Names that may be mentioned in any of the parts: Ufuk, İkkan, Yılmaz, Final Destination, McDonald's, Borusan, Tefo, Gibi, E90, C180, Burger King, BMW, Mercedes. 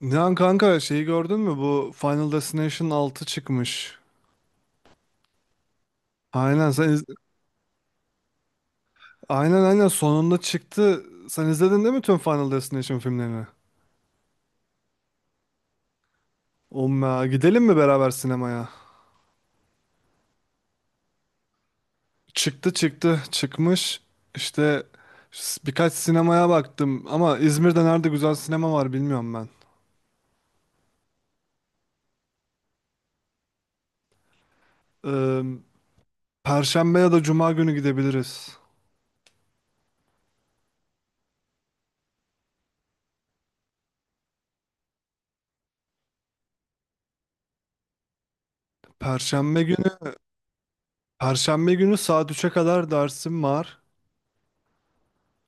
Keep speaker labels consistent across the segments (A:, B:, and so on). A: Nihan kanka şeyi gördün mü? Bu Final Destination 6 çıkmış. Aynen sen iz- aynen sonunda çıktı. Sen izledin değil mi tüm Final Destination filmlerini? Umma gidelim mi beraber sinemaya? Çıktı, çıkmış. İşte birkaç sinemaya baktım ama İzmir'de nerede güzel sinema var bilmiyorum ben. Ee, Perşembe ya da Cuma günü gidebiliriz. Perşembe günü Perşembe günü saat üç'e kadar dersim var.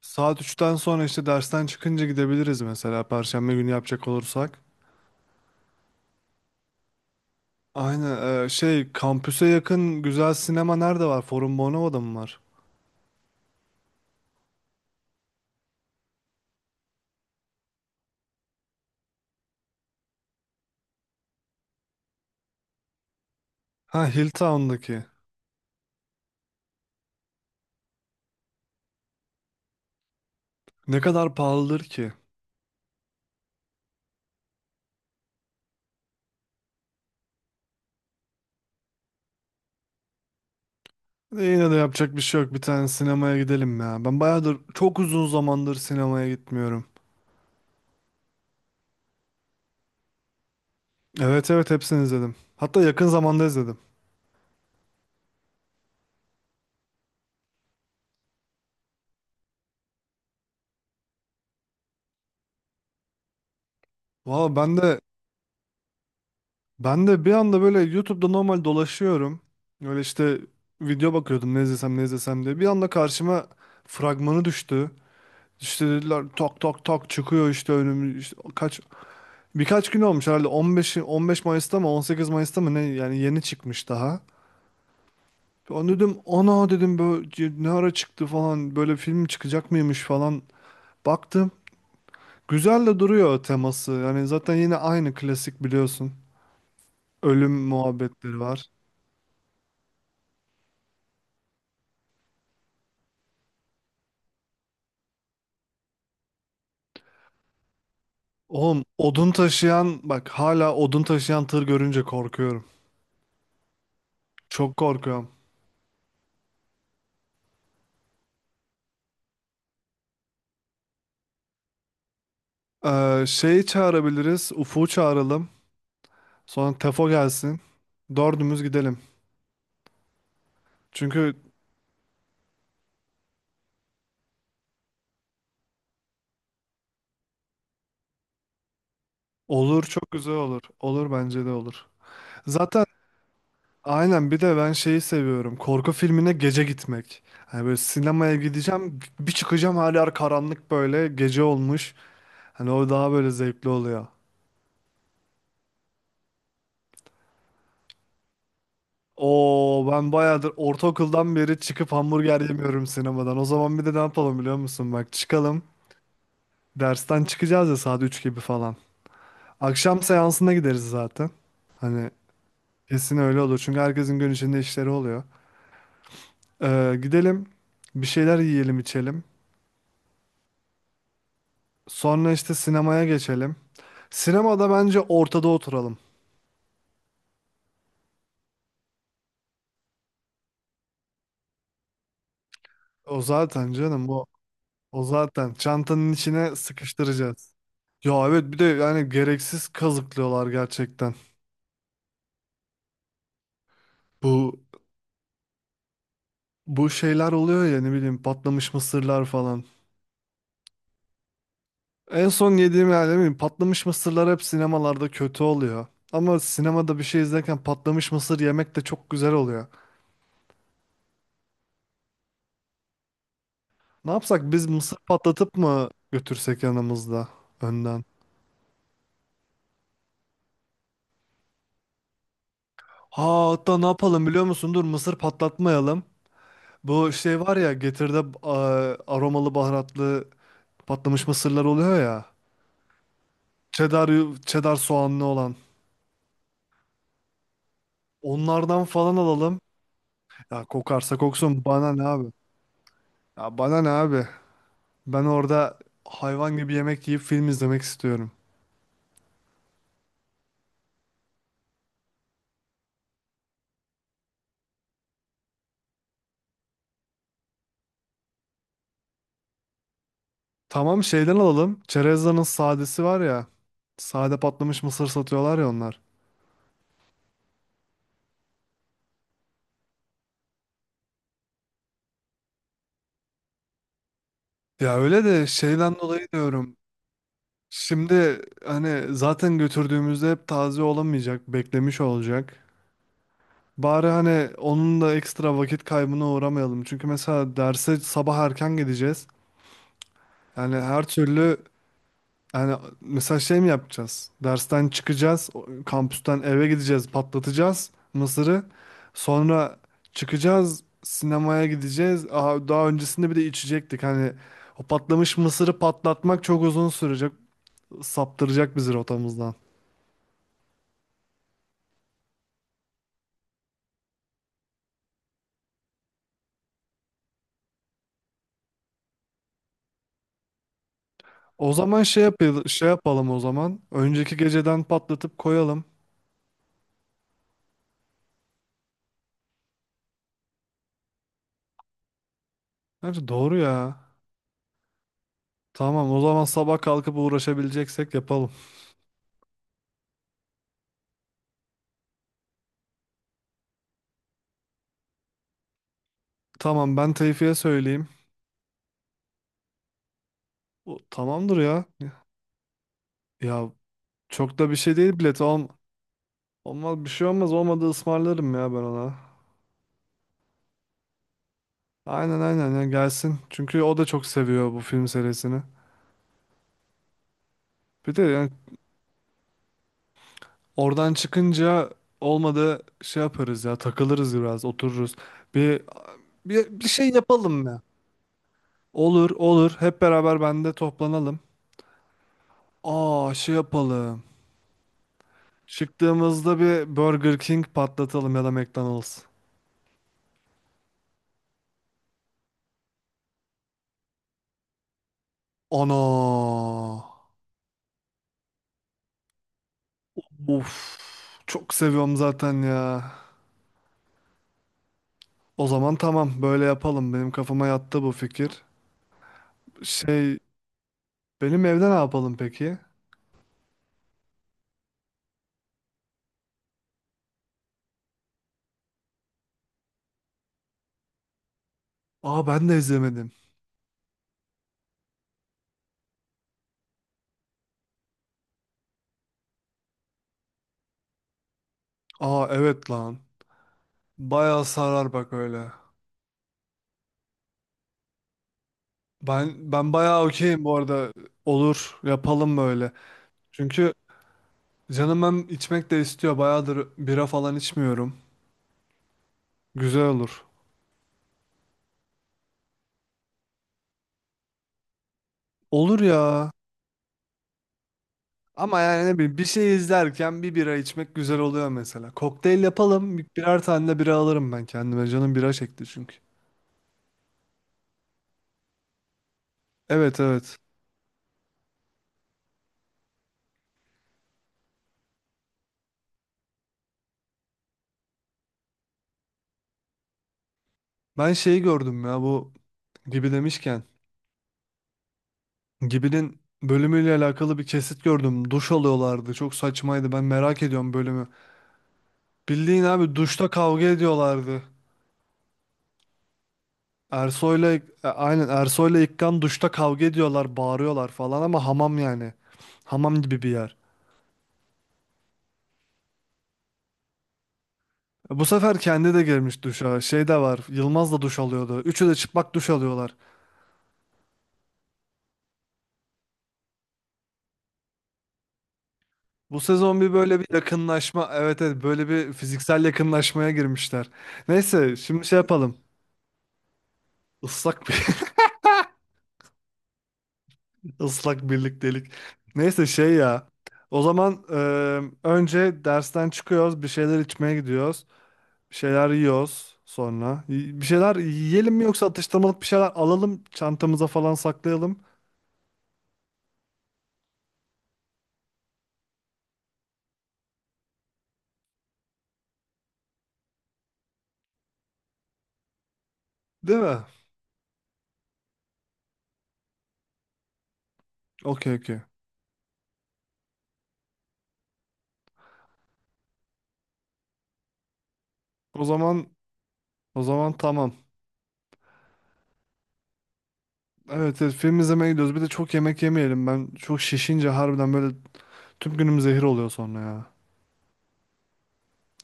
A: Saat üçten sonra işte dersten çıkınca gidebiliriz mesela Perşembe günü yapacak olursak. Aynen şey kampüse yakın güzel sinema nerede var? Forum Bonova'da mı var? Ha, Hilltown'daki. Ne kadar pahalıdır ki? Yine de yapacak bir şey yok. Bir tane sinemaya gidelim ya. Ben bayağıdır çok uzun zamandır sinemaya gitmiyorum. Evet, evet, hepsini izledim. Hatta yakın zamanda izledim. Valla ben de Ben de bir anda böyle YouTube'da normal dolaşıyorum. Öyle işte video bakıyordum ne izlesem ne izlesem diye. Bir anda karşıma fragmanı düştü. İşte dediler tak tak tak çıkıyor işte önüm işte birkaç gün olmuş herhalde 15 15 Mayıs'ta mı 18 Mayıs'ta mı ne yani yeni çıkmış daha. Onu dedim ana dedim böyle ne ara çıktı falan böyle film çıkacak mıymış falan baktım. Güzel de duruyor teması. Yani zaten yine aynı klasik biliyorsun. Ölüm muhabbetleri var. Oğlum odun taşıyan bak hala odun taşıyan tır görünce korkuyorum. Çok korkuyorum. Şeyi çağırabiliriz. Ufuk'u çağıralım. Sonra Tefo gelsin. Dördümüz gidelim. Çünkü olur, çok güzel olur. Olur, bence de olur. Zaten aynen, bir de ben şeyi seviyorum. Korku filmine gece gitmek. Hani böyle sinemaya gideceğim. Bir çıkacağım her yer karanlık böyle. Gece olmuş. Hani o daha böyle zevkli oluyor. Oo, ben bayağıdır ortaokuldan beri çıkıp hamburger yemiyorum sinemadan. O zaman bir de ne yapalım biliyor musun? Bak çıkalım. Dersten çıkacağız ya saat 3 gibi falan. Akşam seansına gideriz zaten. Hani kesin öyle olur. Çünkü herkesin gün içinde işleri oluyor. Gidelim. Bir şeyler yiyelim, içelim. Sonra işte sinemaya geçelim. Sinemada bence ortada oturalım. O zaten canım bu O zaten. Çantanın içine sıkıştıracağız. Ya evet, bir de yani gereksiz kazıklıyorlar gerçekten. Bu Bu şeyler oluyor ya, ne bileyim patlamış mısırlar falan. En son yediğim yani, ne bileyim, patlamış mısırlar hep sinemalarda kötü oluyor. Ama sinemada bir şey izlerken patlamış mısır yemek de çok güzel oluyor. Ne yapsak biz mısır patlatıp mı götürsek yanımızda önden? Ha hatta ne yapalım biliyor musun? Dur, mısır patlatmayalım. Bu şey var ya, Getir'de aromalı baharatlı patlamış mısırlar oluyor ya. Cheddar, cheddar soğanlı olan. Onlardan falan alalım. Ya kokarsa koksun, bana ne abi? Ya bana ne abi? Ben orada hayvan gibi yemek yiyip film izlemek istiyorum. Tamam, şeyden alalım. Çerezdan'ın sadesi var ya. Sade patlamış mısır satıyorlar ya onlar. Ya öyle de şeyden dolayı diyorum. Şimdi hani zaten götürdüğümüzde hep taze olamayacak, beklemiş olacak. Bari hani onun da ekstra vakit kaybına uğramayalım. Çünkü mesela derse sabah erken gideceğiz. Yani her türlü, yani mesela şey mi yapacağız? Dersten çıkacağız, kampüsten eve gideceğiz, patlatacağız mısırı. Sonra çıkacağız, sinemaya gideceğiz. Aha, daha öncesinde bir de içecektik. Hani o patlamış mısırı patlatmak çok uzun sürecek, saptıracak bizi rotamızdan. O zaman şey yapalım, şey yapalım o zaman. Önceki geceden patlatıp koyalım. Bence doğru ya. Tamam, o zaman sabah kalkıp uğraşabileceksek yapalım. Tamam, ben Tevfik'e söyleyeyim. Tamamdır ya. Ya çok da bir şey değil bilet. Olmaz, bir şey olmaz. Olmadı ısmarlarım ya ben ona. Aynen, aynen, ya gelsin. Çünkü o da çok seviyor bu film serisini. Bir de yani oradan çıkınca olmadı şey yaparız ya, takılırız, biraz otururuz. Bir, bir şey yapalım ya. Olur, olur, hep beraber bende toplanalım. Aa, şey yapalım. Çıktığımızda bir Burger King patlatalım ya da McDonald's. Ana. Of. Çok seviyorum zaten ya. O zaman tamam, böyle yapalım. Benim kafama yattı bu fikir. Şey, benim evde ne yapalım peki? Aa, ben de izlemedim. Aa, evet lan. Bayağı sarar bak öyle. Ben bayağı okeyim bu arada. Olur, yapalım böyle. Çünkü canım hem içmek de istiyor. Bayağıdır bira falan içmiyorum. Güzel olur. Olur ya. Ama yani ne bileyim, bir şey izlerken bir bira içmek güzel oluyor mesela. Kokteyl yapalım. Birer tane de bira alırım ben kendime. Canım bira çekti çünkü. Evet, evet. Ben şeyi gördüm ya, bu Gibi demişken. Gibi'nin bölümüyle alakalı bir kesit gördüm. Duş alıyorlardı. Çok saçmaydı. Ben merak ediyorum bölümü. Bildiğin abi duşta kavga ediyorlardı. Ersoy'la e, aynen Ersoy'la İkkan duşta kavga ediyorlar, bağırıyorlar falan ama hamam yani. Hamam gibi bir yer. Bu sefer kendi de girmiş duşa. Şey de var. Yılmaz da duş alıyordu. Üçü de çıplak duş alıyorlar. Bu sezon bir böyle bir yakınlaşma, evet, evet, böyle bir fiziksel yakınlaşmaya girmişler. Neyse şimdi şey yapalım. Islak bir ıslak birliktelik. Neyse şey ya. O zaman önce dersten çıkıyoruz, bir şeyler içmeye gidiyoruz. Bir şeyler yiyoruz sonra. Bir şeyler yiyelim mi yoksa atıştırmalık bir şeyler alalım, çantamıza falan saklayalım. Değil mi? Okey, okey. O zaman o zaman tamam. Evet, evet, film izlemeye gidiyoruz. Bir de çok yemek yemeyelim. Ben çok şişince harbiden böyle tüm günüm zehir oluyor sonra ya.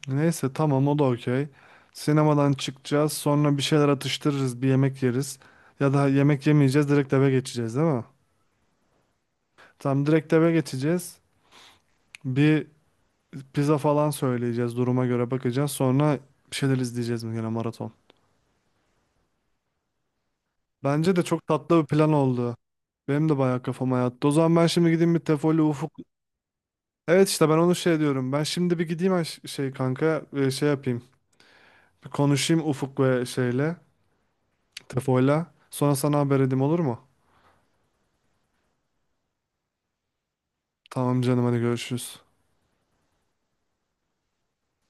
A: Neyse tamam, o da okey. Sinemadan çıkacağız. Sonra bir şeyler atıştırırız. Bir yemek yeriz. Ya da yemek yemeyeceğiz. Direkt eve geçeceğiz değil mi? Tamam, direkt eve geçeceğiz. Bir pizza falan söyleyeceğiz. Duruma göre bakacağız. Sonra bir şeyler izleyeceğiz mi gene, maraton. Bence de çok tatlı bir plan oldu. Benim de bayağı kafama yattı. O zaman ben şimdi gideyim bir Tefoli Ufuk. Evet işte ben onu şey diyorum. Ben şimdi bir gideyim kanka, şey yapayım. Bir konuşayım Ufuk ve şeyle. Tefoyla. Sonra sana haber edeyim olur mu? Tamam canım, hadi görüşürüz.